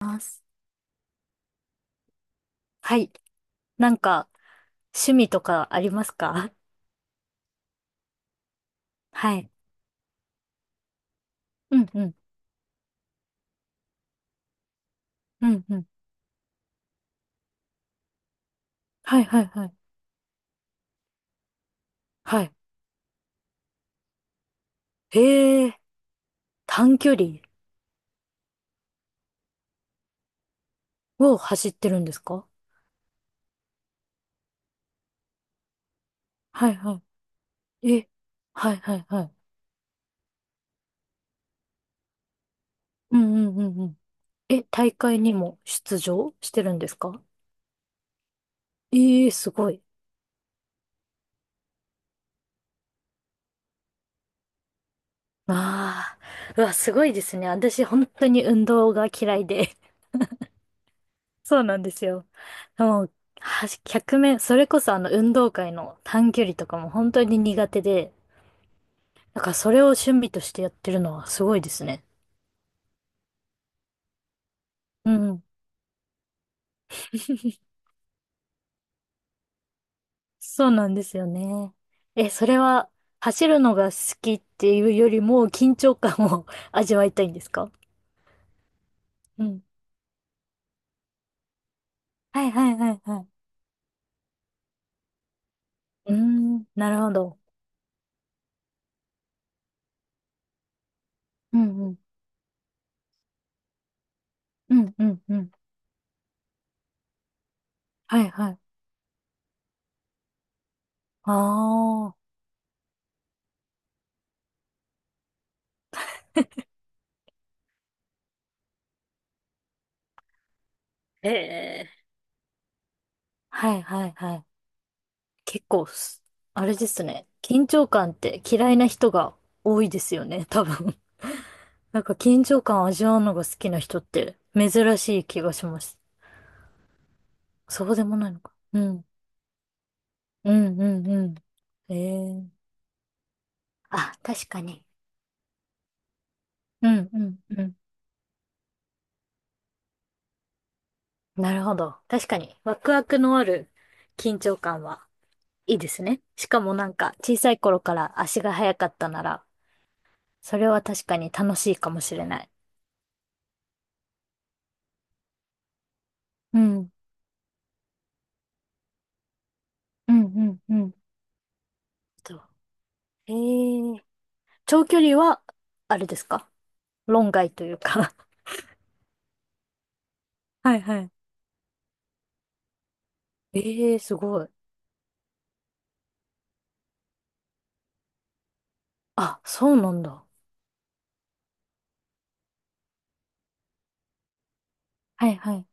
ます。はい。なんか、趣味とかありますか？ はい。うんうん。うんうん。はいはいはい。はい。へえ、短距離を走ってるんですか？はいはい。え、はいはいはい。うんうんうんうん。え、大会にも出場してるんですか？ええ、すごい。ああ、うわ、すごいですね。私、本当に運動が嫌いで。そうなんですよ。もう、100それこそあの運動会の短距離とかも本当に苦手で、だからそれを趣味としてやってるのはすごいですね。うん。そうなんですよね。え、それは走るのが好きっていうよりも緊張感を 味わいたいんですか？うん。はいはいはいはい。うーん、なるほど。うんうん。うんうんうん。はいはい。ああ。ええ。はいはいはい。結構す、あれですね。緊張感って嫌いな人が多いですよね、多分。なんか緊張感味わうのが好きな人って珍しい気がします。そうでもないのか。うん。うん、うん、うん。ええ。あ、確かに。うん、うん、うん。なるほど。確かに。ワクワクのある緊張感はいいですね。しかもなんか小さい頃から足が速かったなら、それは確かに楽しいかもしれない。うん、うん、うん、うん。と、ええ長距離は、あれですか？論外というか はいはい。ええすごい。あ、そうなんだ。はいはい。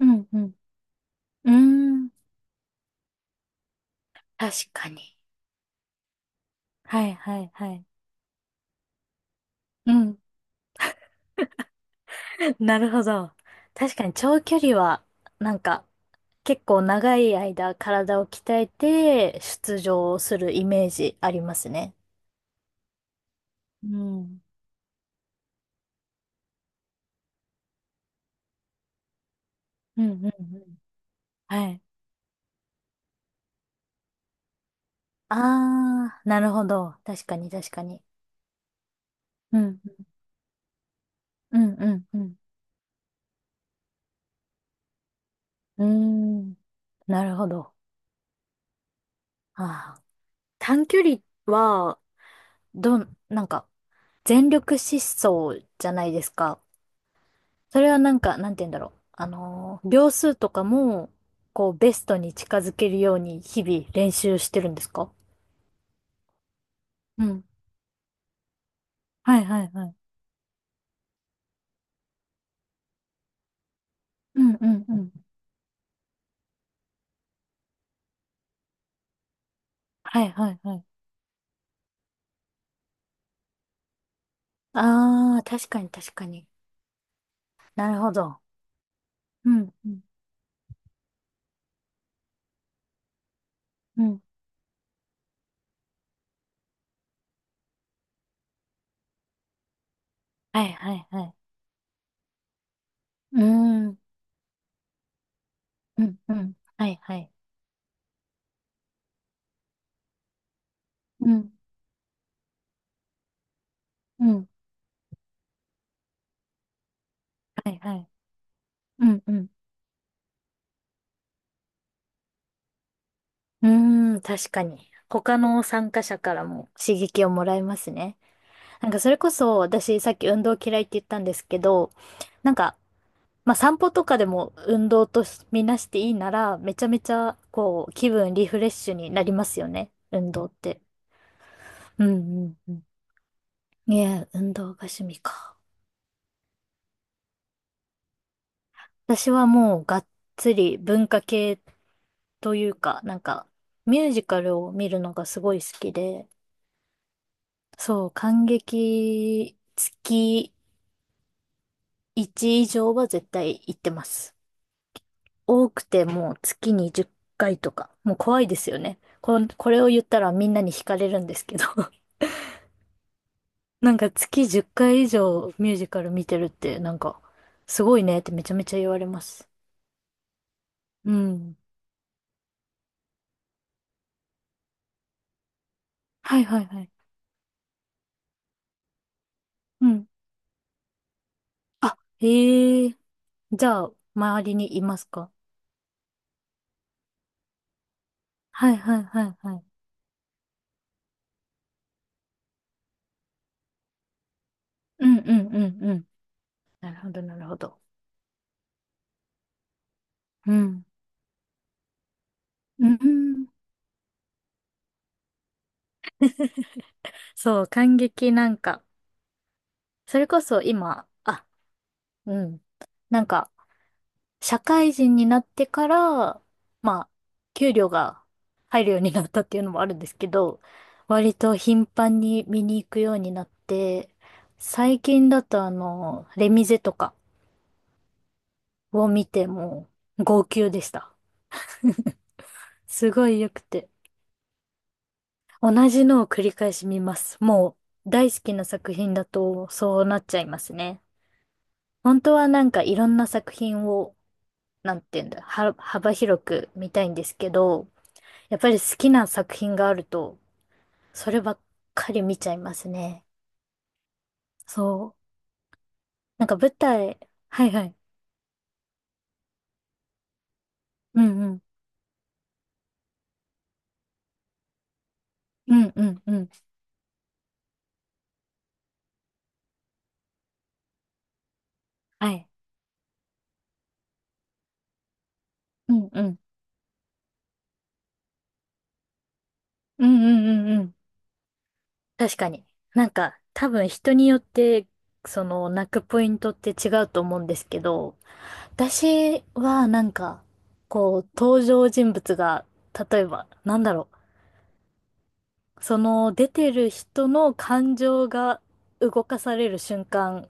うんうん。うーん。確かに。はいはいはい。うん。なるほど。確かに長距離は、なんか、結構長い間体を鍛えて出場するイメージありますね。うん。うんうんうん。はい。あー、なるほど。確かに確かに。うん。うんうんうん。うーん。なるほど。ああ。短距離は、なんか、全力疾走じゃないですか。それはなんか、なんて言うんだろう。秒数とかも、こう、ベストに近づけるように日々練習してるんですか？うん。はいはいはい。うんうんうん。はいはいはい。ああ、確かに確かに。なるほど。うんうんうん。はいはいはい。うーん。うんうん。はいはい。うんうん。はいはい。うんうん。うーん、確かに。他の参加者からも刺激をもらえますね。なんかそれこそ私さっき運動嫌いって言ったんですけど、なんか、まあ散歩とかでも運動とみなしていいなら、めちゃめちゃこう気分リフレッシュになりますよね。運動って。うんうんうん。いや、運動が趣味か。私はもうがっつり文化系というか、なんかミュージカルを見るのがすごい好きで、そう、感激月1以上は絶対行ってます。多くてもう月に10回とか。もう怖いですよね。これを言ったらみんなに惹かれるんですけど。なんか月10回以上ミュージカル見てるってなんかすごいねってめちゃめちゃ言われます。うん。はいはいはい。うん。あ、へえ。じゃあ、周りにいますか？はいはいはいはい。うんうんうんうん。なるほどなるほど。うん。うん。そう、感激なんか、それこそ今、あ、うん。なんか、社会人になってから、まあ、給料が入るようになったっていうのもあるんですけど、割と頻繁に見に行くようになって、最近だとあの、レミゼとかを見ても、号泣でした。すごい良くて。同じのを繰り返し見ます。もう、大好きな作品だと、そうなっちゃいますね。本当はなんかいろんな作品を、なんていうんだ、幅広く見たいんですけど、やっぱり好きな作品があると、そればっかり見ちゃいますね。そう。なんか舞台、はいはい。うんうん。うんうんうん。はい。うんうん。うんうんうんうん。確かに。なんか多分人によって、その泣くポイントって違うと思うんですけど、私はなんか、こう、登場人物が、例えば、なんだろう。その出てる人の感情が動かされる瞬間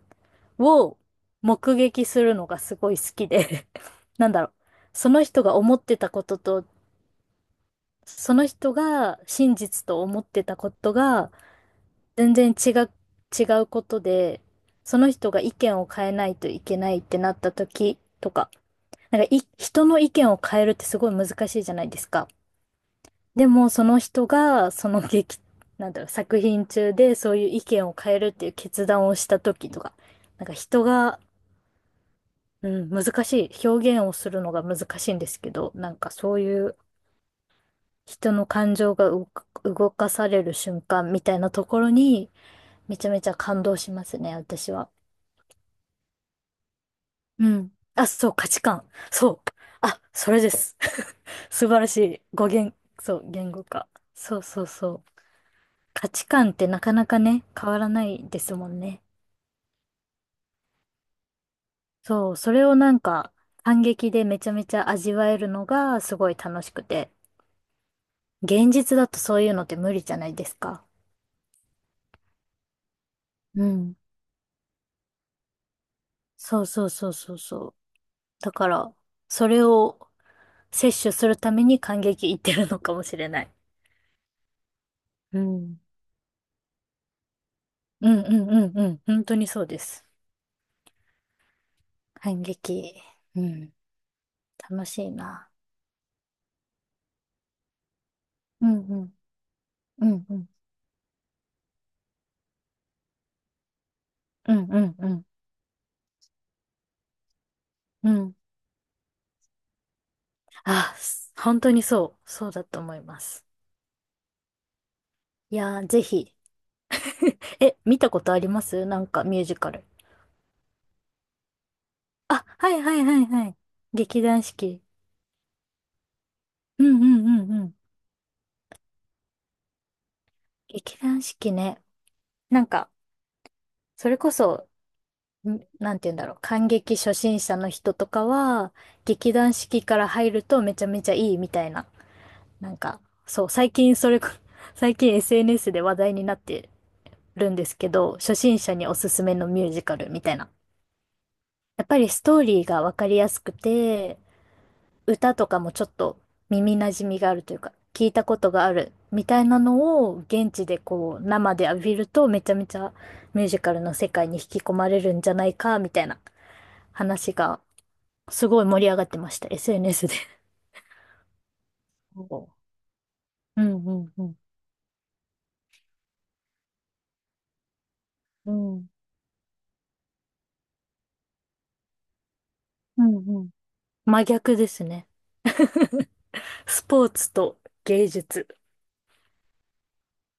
を目撃するのがすごい好きで、なんだろう、その人が思ってたことと、その人が真実と思ってたことが全然違うことで、その人が意見を変えないといけないってなった時とか、なんかい、人の意見を変えるってすごい難しいじゃないですか。でも、その人が、その劇、なんだろう、作品中でそういう意見を変えるっていう決断をした時とか、なんか人が、うん、難しい、表現をするのが難しいんですけど、なんかそういう人の感情が動かされる瞬間みたいなところに、めちゃめちゃ感動しますね、私は。うん。あ、そう、価値観。そう。あ、それです。素晴らしい。語源、そう、言語化。そうそうそう。価値観ってなかなかね、変わらないですもんね。そう、それをなんか、感激でめちゃめちゃ味わえるのがすごい楽しくて。現実だとそういうのって無理じゃないですか。うん。そうそうそうそうそう。だから、それを摂取するために感激いってるのかもしれない。うん。うんうんうんうん。本当にそうです。感激。うん。楽しいな。うんうん。うんうん。うんうんうん。うんあ、本当にそうだと思います。いやー、ぜひ。え、見たことあります？なんかミュージカル。あ、はいはいはいはい。劇団四季。うんうんうんうん。劇団四季ね。なんか、それこそ、なんて言うんだろう。観劇初心者の人とかは、劇団四季から入るとめちゃめちゃいいみたいな。なんか、そう、最近それこ、最近 SNS で話題になってるんですけど、初心者におすすめのミュージカルみたいな。やっぱりストーリーがわかりやすくて、歌とかもちょっと耳馴染みがあるというか、聞いたことがあるみたいなのを現地でこう生で浴びるとめちゃめちゃミュージカルの世界に引き込まれるんじゃないかみたいな話がすごい盛り上がってました。SNS で。うん。うんうん。真逆ですね。スポーツと芸術。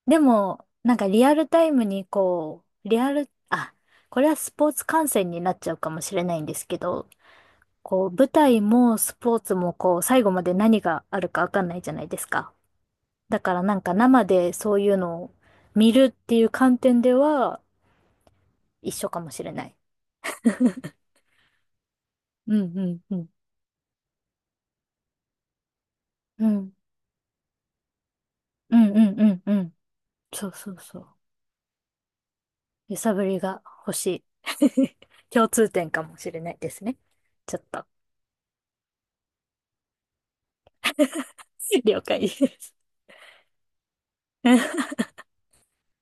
でも、なんかリアルタイムにこう、リアル、あ、これはスポーツ観戦になっちゃうかもしれないんですけど、こう、舞台もスポーツもこう、最後まで何があるかわかんないじゃないですか。だからなんか生でそういうのを見るっていう観点では一緒かもしれない。うんうんうん。うん。うんうんうんうん。そうそうそう。揺さぶりが欲しい。共通点かもしれないですね。ちょっと、了解です。